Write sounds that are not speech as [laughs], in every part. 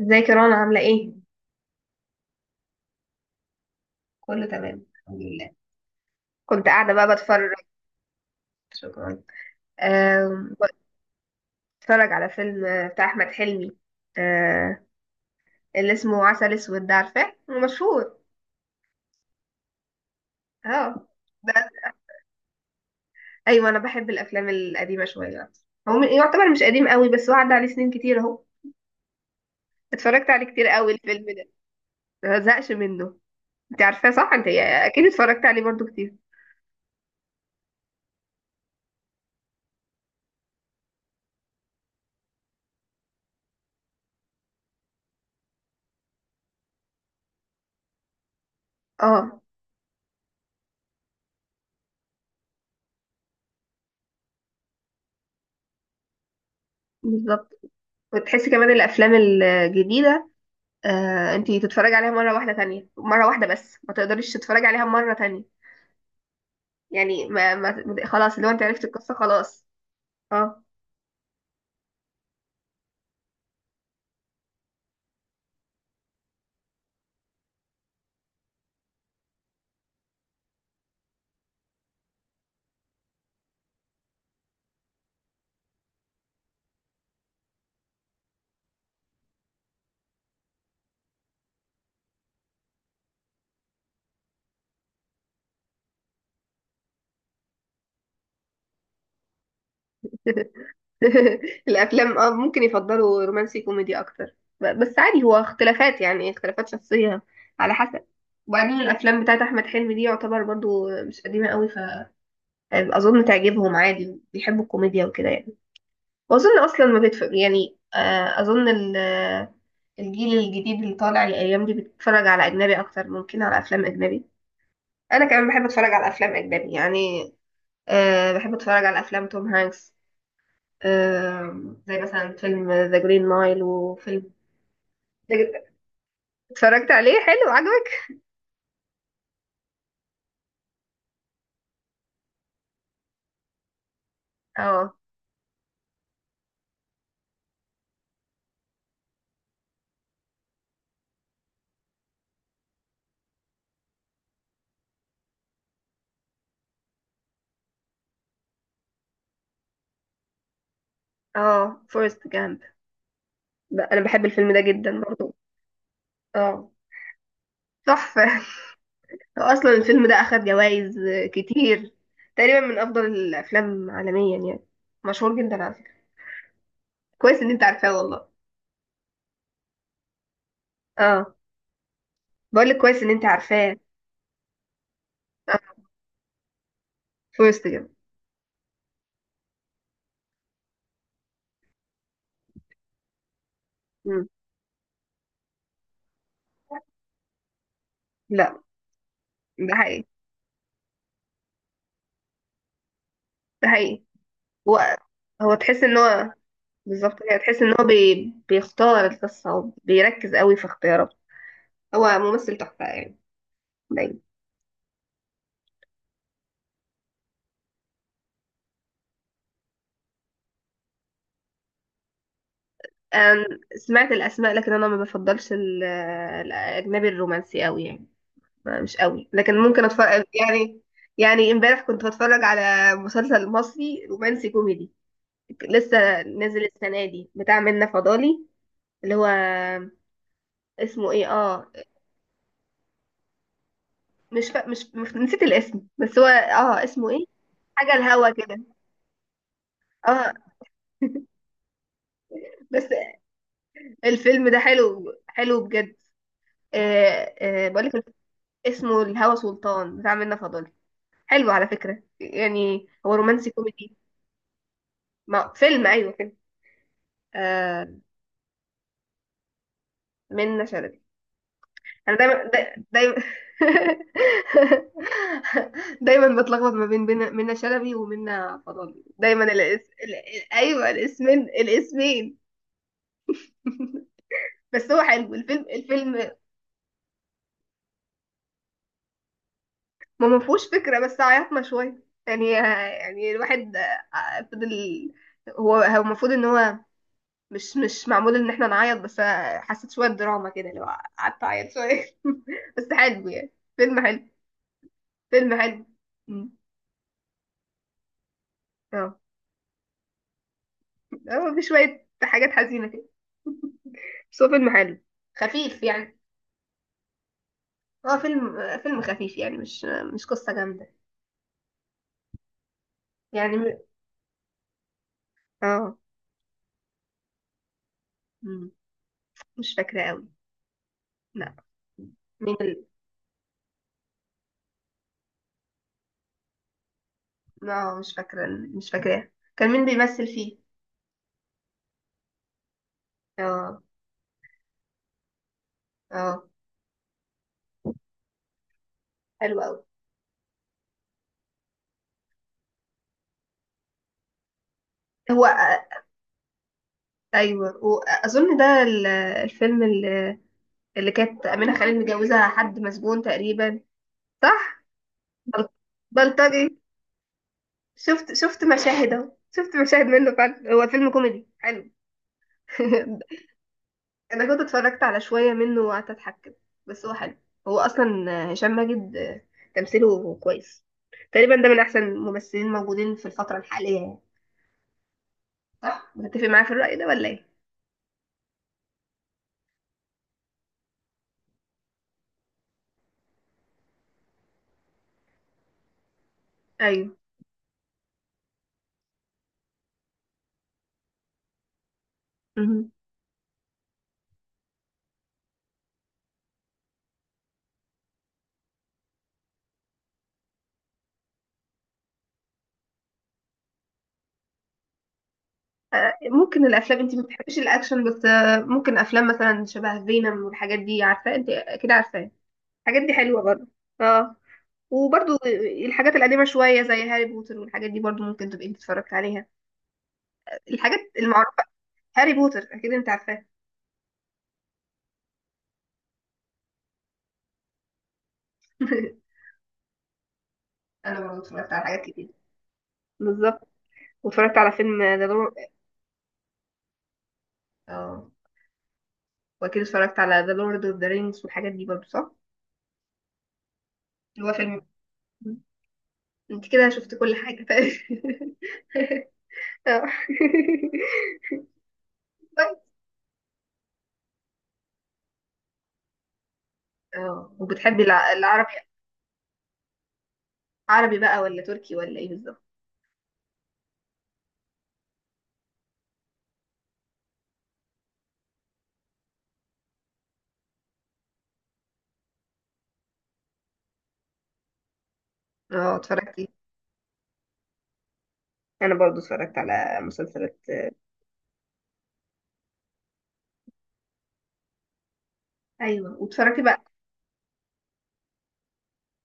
ازيك يا رنا، عاملة ايه؟ كله تمام الحمد لله. كنت قاعدة بقى بتفرج. شكرا. آم، بتفرج على فيلم بتاع أحمد حلمي. آه، اللي اسمه عسل اسود، ده عارفاه؟ هو مشهور. اه ده ايوه، انا بحب الافلام القديمة شوية اكتر. يعتبر مش قديم قوي، بس هو عدى عليه سنين كتير اهو. اتفرجت عليه كتير قوي الفيلم ده، ما زهقش منه. انت عارفاه صح؟ انت اكيد اتفرجت عليه برضو كتير. اه بالظبط. وتحسي كمان الافلام الجديدة، انتي تتفرجي عليها مرة واحدة، تانية مرة واحدة، بس ما تقدريش تتفرجي عليها مرة تانية. يعني خلاص لو انت عرفتي القصة خلاص. اه. [laughs] الافلام اه ممكن يفضلوا رومانسي كوميدي اكتر. بس عادي، هو اختلافات، يعني اختلافات شخصية على حسب. وبعدين الافلام بتاعت احمد حلمي دي يعتبر برضو مش قديمة قوي، فاظن تعجبهم عادي، بيحبوا الكوميديا وكده يعني. واظن اصلا ما بيتفرج يعني، اظن الجيل الجديد اللي طالع الايام دي بيتفرج على اجنبي اكتر، ممكن على افلام اجنبي. انا كمان بحب اتفرج على افلام اجنبي يعني. أه، بحب اتفرج على افلام توم هانكس. أه، زي مثلا فيلم ذا جرين مايل وفيلم. اتفرجت عليه، حلو، عجبك؟ اه اه. فورست جامب. انا بحب الفيلم ده جدا برضو. اه، تحفة. هو اصلا الفيلم ده اخد جوائز كتير، تقريبا من افضل الافلام عالميا يعني، مشهور جدا على فكره. كويس ان انت عارفاه والله. اه. بقول لك كويس ان انت عارفاه. آه. فورست جامب. مم. لا. ده حقيقي، ده حقيقي. هو هو تحس ان هو بالظبط كده، تحس ان هو بيختار القصه وبيركز قوي في اختياراته. هو ممثل تحفه يعني، دايما. أنا سمعت الاسماء، لكن انا ما بفضلش الاجنبي الرومانسي قوي يعني، مش قوي، لكن ممكن اتفرج يعني. يعني امبارح كنت بتفرج على مسلسل مصري رومانسي كوميدي، لسه نازل السنة دي، بتاع منة فضالي، اللي هو اسمه ايه؟ اه. مش فا... مش مش- نسيت الاسم، بس هو اه اسمه ايه. حاجة الهوا كده. اه، بس الفيلم ده حلو حلو بجد. آه آه بقولك، اسمه الهوى سلطان، بتاع منة فضالي. حلو على فكرة، يعني هو رومانسي كوميدي. ما فيلم، ايوه فيلم. آه. منة شلبي. انا دايما دايما [laughs] دايما بتلخبط ما منى شلبي ومنى فضالي، دايما ايوه الاسمين، الاسمين. [laughs] بس هو حلو الفيلم. ما فيهوش فكره، بس عيطنا شويه يعني، يعني الواحد فضل. هو المفروض ان هو مش معمول ان احنا نعيط بس، حسيت شويه دراما كده، اللي هو قعدت اعيط شويه. [laughs] بس حلو يعني، فيلم حلو. فيلم حلو. مم. اه، هو في شوية حاجات حزينة كده، بس هو فيلم حلو. خفيف يعني، هو فيلم، فيلم خفيف يعني، مش مش قصة جامدة. يعني اه. مم. مش فاكرة قوي. لا. مين اه مش فاكرة، مش فاكراه. كان مين بيمثل فيه؟ اه. اه. حلو قوي. هو ايوه، واظن ده الفيلم اللي، اللي كانت أمينة خليل متجوزة حد مسجون تقريبا، صح؟ بل- بلطجي. شفت مشاهد اهو، شفت مشاهد منه فعلا، هو فيلم كوميدي حلو. [laughs] انا كنت اتفرجت على شويه منه وقعدت اضحك كده، بس هو حلو. هو اصلا هشام ماجد تمثيله كويس، تقريبا ده من احسن الممثلين موجودين في الفتره الحاليه يعني. صح، متفق معايا في الراي ده ولا ايه؟ ايوه. مهم. ممكن الافلام، انت ما بتحبيش الاكشن، بس ممكن افلام مثلا شبه فينوم والحاجات دي، عارفاه انت اكيد عارفاه، الحاجات دي حلوه برضه. اه، وبرضو الحاجات القديمه شويه، زي هاري بوتر والحاجات دي برضو، ممكن تبقي انت اتفرجت عليها، الحاجات المعروفه. هاري بوتر اكيد انت عارفاه. [laughs] انا برضه اتفرجت على حاجات كتير بالظبط، واتفرجت على فيلم ذا لورد. اه، واكيد اتفرجت على ذا لورد اوف ذا رينجز والحاجات دي برضه، صح؟ اللي هو فيلم. انت كده شفت كل حاجه تقريباً. [laughs] اه. طيب. اه، وبتحبي العربي؟ عربي بقى ولا تركي ولا ايه بالظبط؟ اه اتفرجتي. انا برضو اتفرجت على مسلسلات. ايوه واتفرجتي بقى.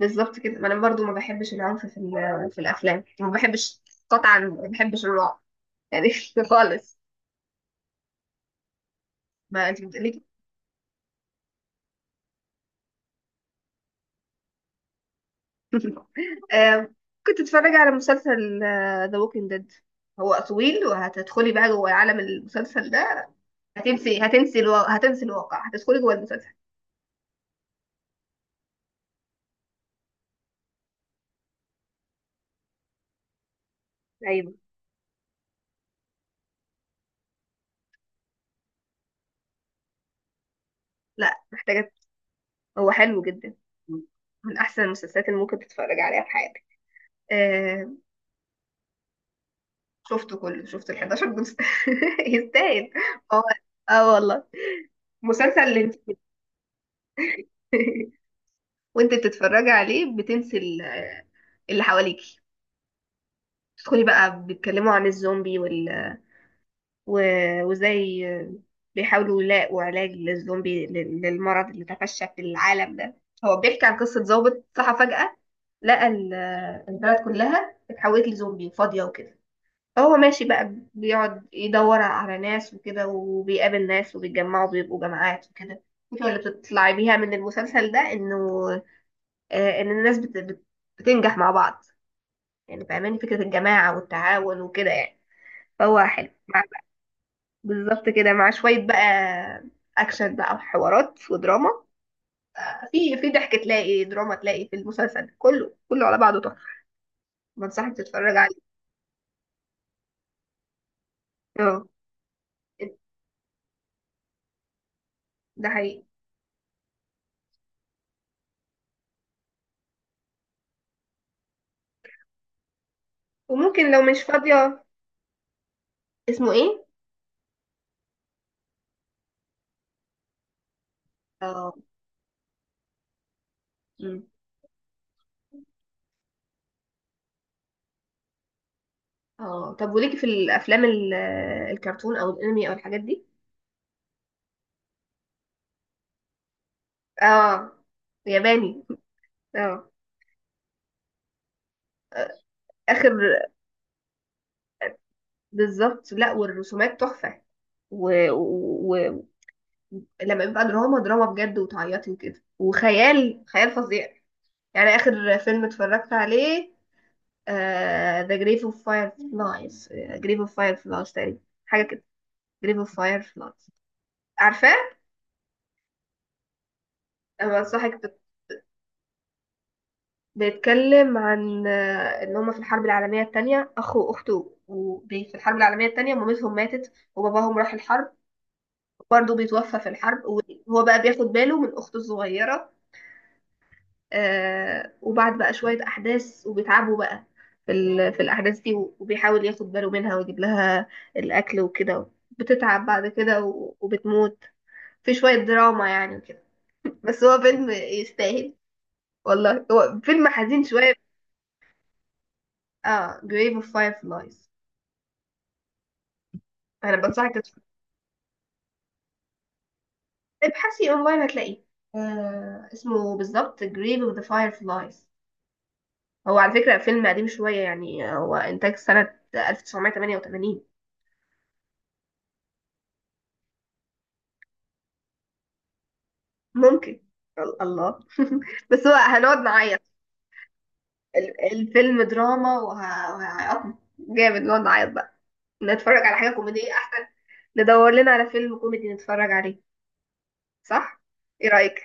بالظبط كده، ما انا برضو ما بحبش العنف في في الافلام، ما بحبش. قطعا ما بحبش الرعب يعني. [laughs] خالص. ما انت بتقولي. [laughs] آه، كنت اتفرج على مسلسل ذا ووكينج ديد. هو طويل، وهتدخلي بقى جوه عالم المسلسل ده. هتنسي الواقع، هتدخلي جوه المسلسل. ايوه. لا محتاجة. هو حلو جدا، من احسن المسلسلات اللي ممكن تتفرج عليها في حياتك. آه، شفته كله، شفت ال 11 جزء. [laughs] يستاهل. هو اه والله، مسلسل اللي انت، وانت بتتفرجي عليه بتنسي اللي حواليكي، تدخلي بقى بيتكلموا عن الزومبي وال وازاي بيحاولوا يلاقوا علاج للزومبي، للمرض اللي تفشى في العالم ده. هو بيحكي عن قصة ضابط صحى فجأة، لقى البلد كلها اتحولت لزومبي فاضية وكده، فهو ماشي بقى بيقعد يدور على ناس وكده، وبيقابل ناس وبيتجمعوا بيبقوا جماعات وكده. الفكرة اللي بتطلع بيها من المسلسل ده انه ان الناس بتنجح مع بعض، يعني فاهماني فكرة الجماعة والتعاون وكده يعني. فهو حلو. بالظبط كده، مع شوية بقى أكشن بقى وحوارات ودراما. في ضحك تلاقي، دراما تلاقي، في المسلسل كله كله على بعضه تحفة. بنصحك تتفرج عليه. اه ده حقيقي. وممكن لو مش فاضية. اسمه ايه؟ اه. مم. اه، طب وليكي في الأفلام الكرتون أو الأنمي أو الحاجات دي؟ اه. ياباني. اه. آخر. بالظبط. لا والرسومات تحفة، ولما و... و... و- لما بيبقى دراما دراما بجد وتعيطي وكده، وخيال خيال فظيع. يعني آخر فيلم اتفرجت عليه The Grave of Fireflies، Grave of Fireflies تقريبا، حاجة كده. Grave of Fireflies. عارفاه؟ أنا بنصحك بيتكلم عن إن هما في الحرب العالمية التانية أخ وأخته، في الحرب العالمية التانية مامتهم ماتت، وباباهم راح الحرب برضه بيتوفى في الحرب، وهو بقى بياخد باله من أخته الصغيرة. آه، وبعد بقى شوية أحداث وبيتعبوا بقى في، في الأحداث دي، وبيحاول ياخد باله منها ويجيب لها الأكل وكده، بتتعب بعد كده وبتموت. في شوية دراما يعني وكده، بس هو فيلم يستاهل. والله هو فيلم حزين شوية. اه Grave of Fireflies. أنا بنصحك تتفرج. ابحثي أونلاين هتلاقيه. آه اسمه بالظبط Grave of the Fireflies. هو على فكرة فيلم قديم شوية، يعني هو إنتاج سنة 1988. ممكن. الله. [laughs] بس هو هنقعد نعيط. الفيلم دراما، وهيعيطنا جامد، نقعد نعيط بقى. نتفرج على حاجة كوميدية أحسن. ندور لنا على فيلم كوميدي نتفرج عليه، صح؟ إيه رأيك؟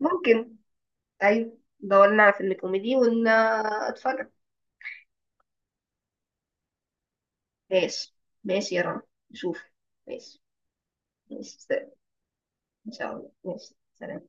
ممكن. أيوة. ندور لنا على فيلم كوميدي ونتفرج. ماشي. ماشي يا رنا. نشوف. ماشي. ماشي سلام. إن شاء الله، ماشي سلام.